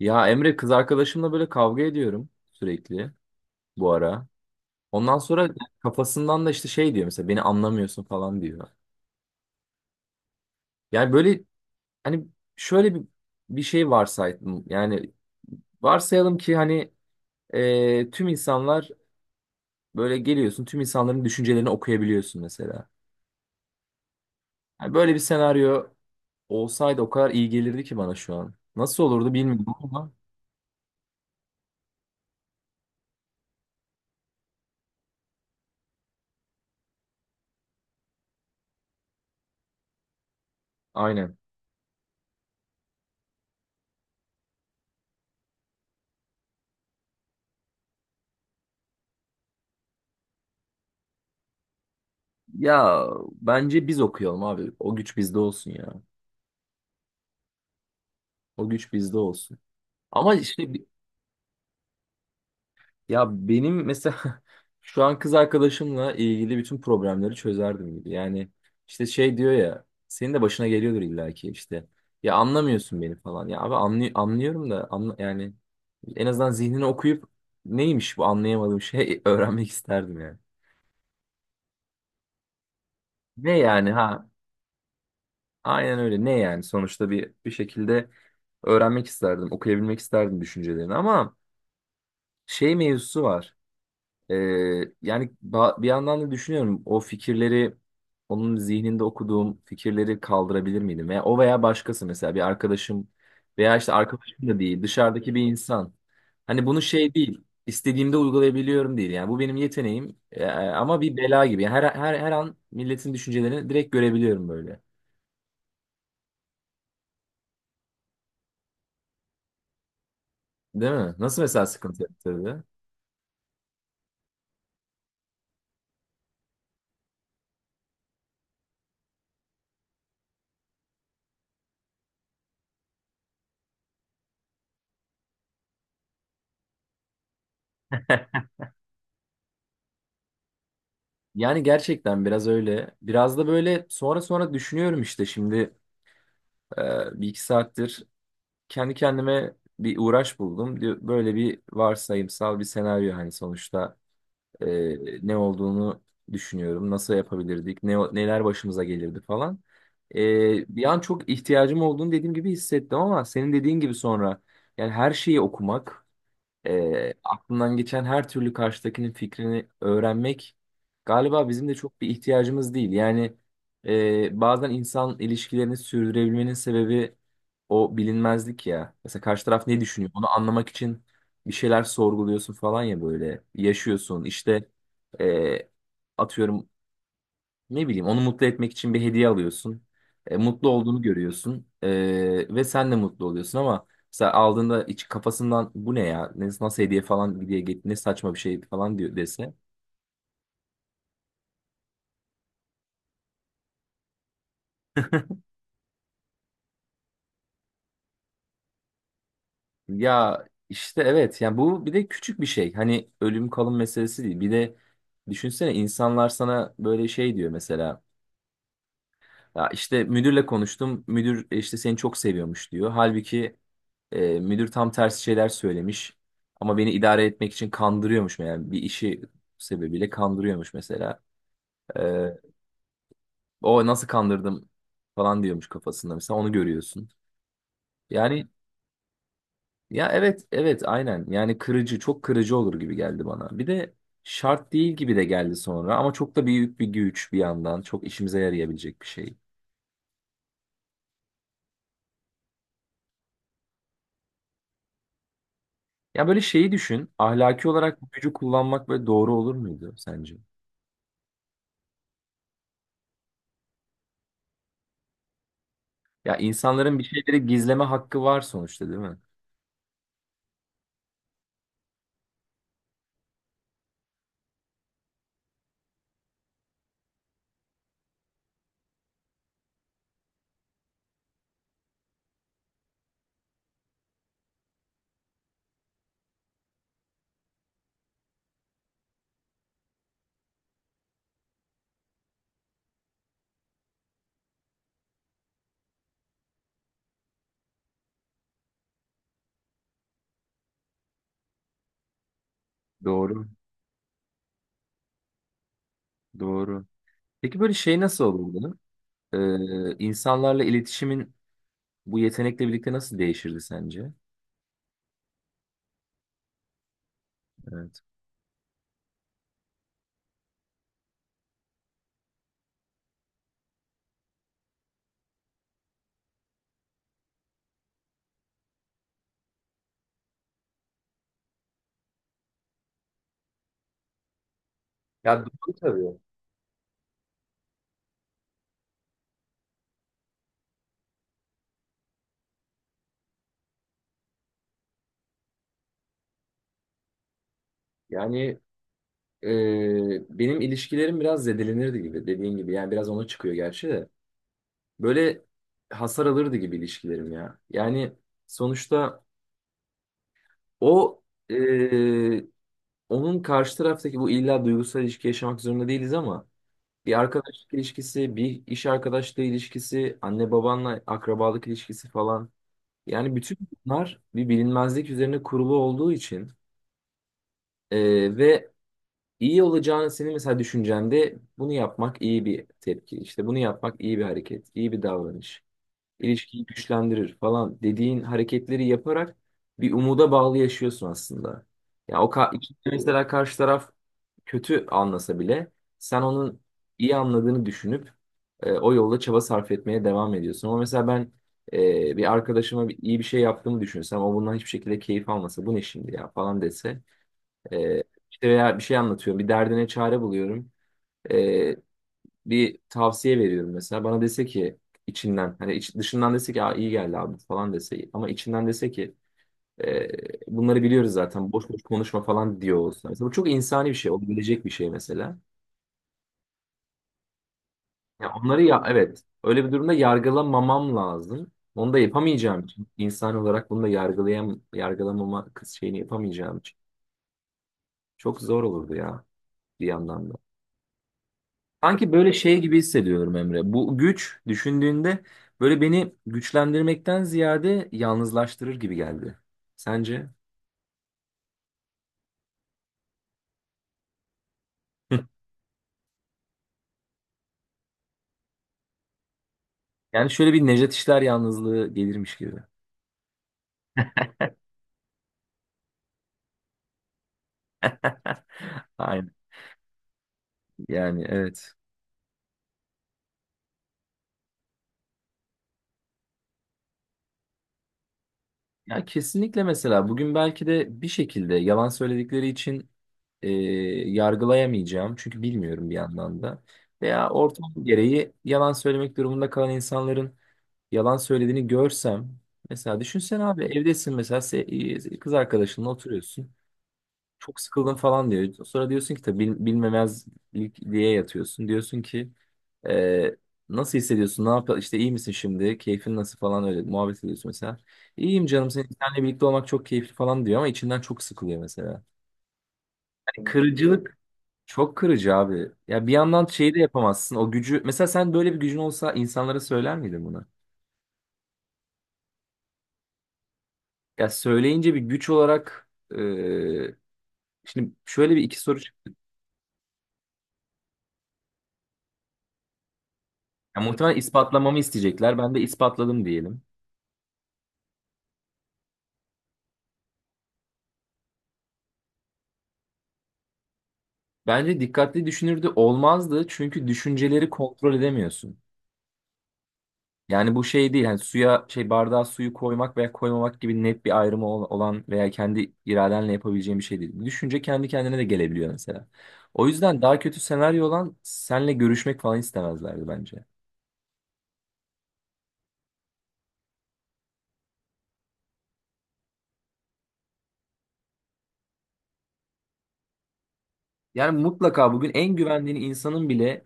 Ya Emre, kız arkadaşımla böyle kavga ediyorum sürekli bu ara. Ondan sonra kafasından da işte şey diyor mesela, beni anlamıyorsun falan diyor. Yani böyle hani şöyle bir, bir şey varsaydım. Yani varsayalım ki hani tüm insanlar böyle geliyorsun, tüm insanların düşüncelerini okuyabiliyorsun mesela. Yani böyle bir senaryo olsaydı o kadar iyi gelirdi ki bana şu an. Nasıl olurdu bilmiyorum ama aynen. Ya bence biz okuyalım abi. O güç bizde olsun ya. O güç bizde olsun. Ama ya benim mesela şu an kız arkadaşımla ilgili bütün problemleri çözerdim gibi. Yani işte şey diyor ya, senin de başına geliyordur illaki işte. Ya anlamıyorsun beni falan. Ya abi, anlıyorum da, anla yani. En azından zihnini okuyup neymiş bu anlayamadığım şey öğrenmek isterdim yani. Ne yani ha? Aynen öyle. Ne yani? Sonuçta bir bir şekilde öğrenmek isterdim, okuyabilmek isterdim düşüncelerini, ama şey mevzusu var. Ee, Yani bir yandan da düşünüyorum, o fikirleri, onun zihninde okuduğum fikirleri kaldırabilir miydim? Veya o veya başkası, mesela bir arkadaşım veya işte arkadaşım da değil, dışarıdaki bir insan. Hani bunu şey değil, istediğimde uygulayabiliyorum değil, yani bu benim yeteneğim. Ama bir bela gibi. Yani her an milletin düşüncelerini direkt görebiliyorum böyle. Değil mi? Nasıl mesela sıkıntı yaptırdı? Yani gerçekten biraz öyle. Biraz da böyle sonra düşünüyorum, işte şimdi e, bir iki saattir kendi kendime bir uğraş buldum. Böyle bir varsayımsal bir senaryo, hani sonuçta e, ne olduğunu düşünüyorum. Nasıl yapabilirdik? Neler başımıza gelirdi falan. E, bir an çok ihtiyacım olduğunu, dediğim gibi, hissettim, ama senin dediğin gibi sonra yani her şeyi okumak, aklından geçen her türlü karşıdakinin fikrini öğrenmek galiba bizim de çok bir ihtiyacımız değil. Yani bazen insan ilişkilerini sürdürebilmenin sebebi o bilinmezlik ya. Mesela karşı taraf ne düşünüyor, onu anlamak için bir şeyler sorguluyorsun falan ya, böyle yaşıyorsun. İşte e, atıyorum, ne bileyim, onu mutlu etmek için bir hediye alıyorsun. E, mutlu olduğunu görüyorsun. E, ve sen de mutlu oluyorsun, ama mesela aldığında iç kafasından bu ne ya? Nasıl hediye falan diye, git ne saçma bir şey falan diyor dese. Ya işte evet, yani bu bir de küçük bir şey. Hani ölüm kalım meselesi değil. Bir de düşünsene, insanlar sana böyle şey diyor mesela. Ya işte müdürle konuştum. Müdür işte seni çok seviyormuş diyor. Halbuki müdür tam tersi şeyler söylemiş. Ama beni idare etmek için kandırıyormuş, yani bir işi sebebiyle kandırıyormuş mesela. Ee, O nasıl kandırdım falan diyormuş kafasında, mesela onu görüyorsun. Yani ya evet, evet, aynen, yani kırıcı, çok kırıcı olur gibi geldi bana. Bir de şart değil gibi de geldi sonra, ama çok da büyük bir güç, bir yandan çok işimize yarayabilecek bir şey. Ya böyle şeyi düşün, ahlaki olarak bu gücü kullanmak böyle doğru olur muydu sence? Ya insanların bir şeyleri gizleme hakkı var sonuçta, değil mi? Doğru, doğru. Peki böyle şey nasıl olurdu? İnsanlarla iletişimin bu yetenekle birlikte nasıl değişirdi sence? Evet. Ya doğru tabii. Yani benim ilişkilerim biraz zedelenirdi gibi, dediğin gibi. Yani biraz ona çıkıyor gerçi de. Böyle hasar alırdı gibi ilişkilerim ya. Yani sonuçta o e, onun karşı taraftaki, bu illa duygusal ilişki yaşamak zorunda değiliz, ama bir arkadaşlık ilişkisi, bir iş arkadaşlığı ilişkisi, anne babanla akrabalık ilişkisi falan. Yani bütün bunlar bir bilinmezlik üzerine kurulu olduğu için ve iyi olacağını, senin mesela düşüncende bunu yapmak iyi bir tepki. İşte bunu yapmak iyi bir hareket, iyi bir davranış, ilişkiyi güçlendirir falan dediğin hareketleri yaparak bir umuda bağlı yaşıyorsun aslında. Ya içinde, mesela karşı taraf kötü anlasa bile, sen onun iyi anladığını düşünüp o yolda çaba sarf etmeye devam ediyorsun. Ama mesela ben bir arkadaşıma bir, iyi bir şey yaptığımı düşünsem, o bundan hiçbir şekilde keyif almasa, bu ne şimdi ya falan dese, e, işte veya bir şey anlatıyorum, bir derdine çare buluyorum, E, bir tavsiye veriyorum mesela, bana dese ki içinden, hani dışından dese ki, aa, iyi geldi abi falan dese, ama içinden dese ki e, bunları biliyoruz zaten, boş boş konuşma falan diyor olsa. Mesela bu çok insani bir şey, olabilecek bir şey mesela. Ya onları, ya evet, öyle bir durumda yargılamamam lazım. Onu da yapamayacağım için, insan olarak bunu da yargılamama kız şeyini yapamayacağım için çok zor olurdu ya, bir yandan da. Sanki böyle şey gibi hissediyorum Emre. Bu güç, düşündüğünde böyle beni güçlendirmekten ziyade yalnızlaştırır gibi geldi. Sence? Yani şöyle bir Nejat İşler yalnızlığı gelirmiş gibi. Aynen. Yani evet. Ya kesinlikle, mesela bugün belki de bir şekilde yalan söyledikleri için e, yargılayamayacağım. Çünkü bilmiyorum bir yandan da. Veya ortam gereği yalan söylemek durumunda kalan insanların yalan söylediğini görsem. Mesela düşünsene abi, evdesin mesela, kız arkadaşınla oturuyorsun. Çok sıkıldın falan diyor. Sonra diyorsun ki, tabii bilmemezlik diye yatıyorsun. Diyorsun ki ee, nasıl hissediyorsun? Ne yapıyor? İşte iyi misin şimdi? Keyfin nasıl falan, öyle muhabbet ediyorsun mesela. İyiyim canım, senin seninle birlikte olmak çok keyifli falan diyor, ama içinden çok sıkılıyor mesela. Yani kırıcılık, çok kırıcı abi. Ya bir yandan şeyi de yapamazsın. O gücü, mesela sen böyle bir gücün olsa insanlara söyler miydin bunu? Ya söyleyince bir güç olarak e, şimdi şöyle bir iki soru. Ya muhtemelen ispatlamamı isteyecekler. Ben de ispatladım diyelim. Bence dikkatli düşünürdü, olmazdı, çünkü düşünceleri kontrol edemiyorsun. Yani bu şey değil. Hani suya şey, bardağa suyu koymak veya koymamak gibi net bir ayrımı olan veya kendi iradenle yapabileceğin bir şey değil. Düşünce kendi kendine de gelebiliyor mesela. O yüzden daha kötü senaryo, olan senle görüşmek falan istemezlerdi bence. Yani mutlaka bugün en güvendiğin insanın bile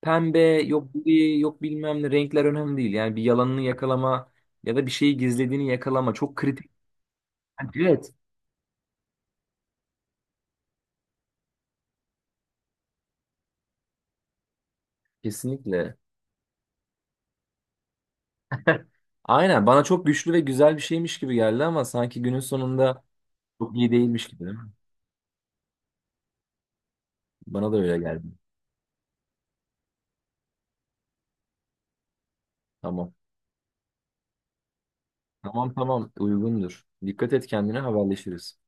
pembe, yok gri, yok bilmem ne, renkler önemli değil. Yani bir yalanını yakalama ya da bir şeyi gizlediğini yakalama çok kritik. Yani evet. Kesinlikle. Aynen bana çok güçlü ve güzel bir şeymiş gibi geldi, ama sanki günün sonunda çok iyi değilmiş gibi, değil mi? Bana da öyle geldi. Tamam. Tamam, tamam, uygundur. Dikkat et kendine, haberleşiriz.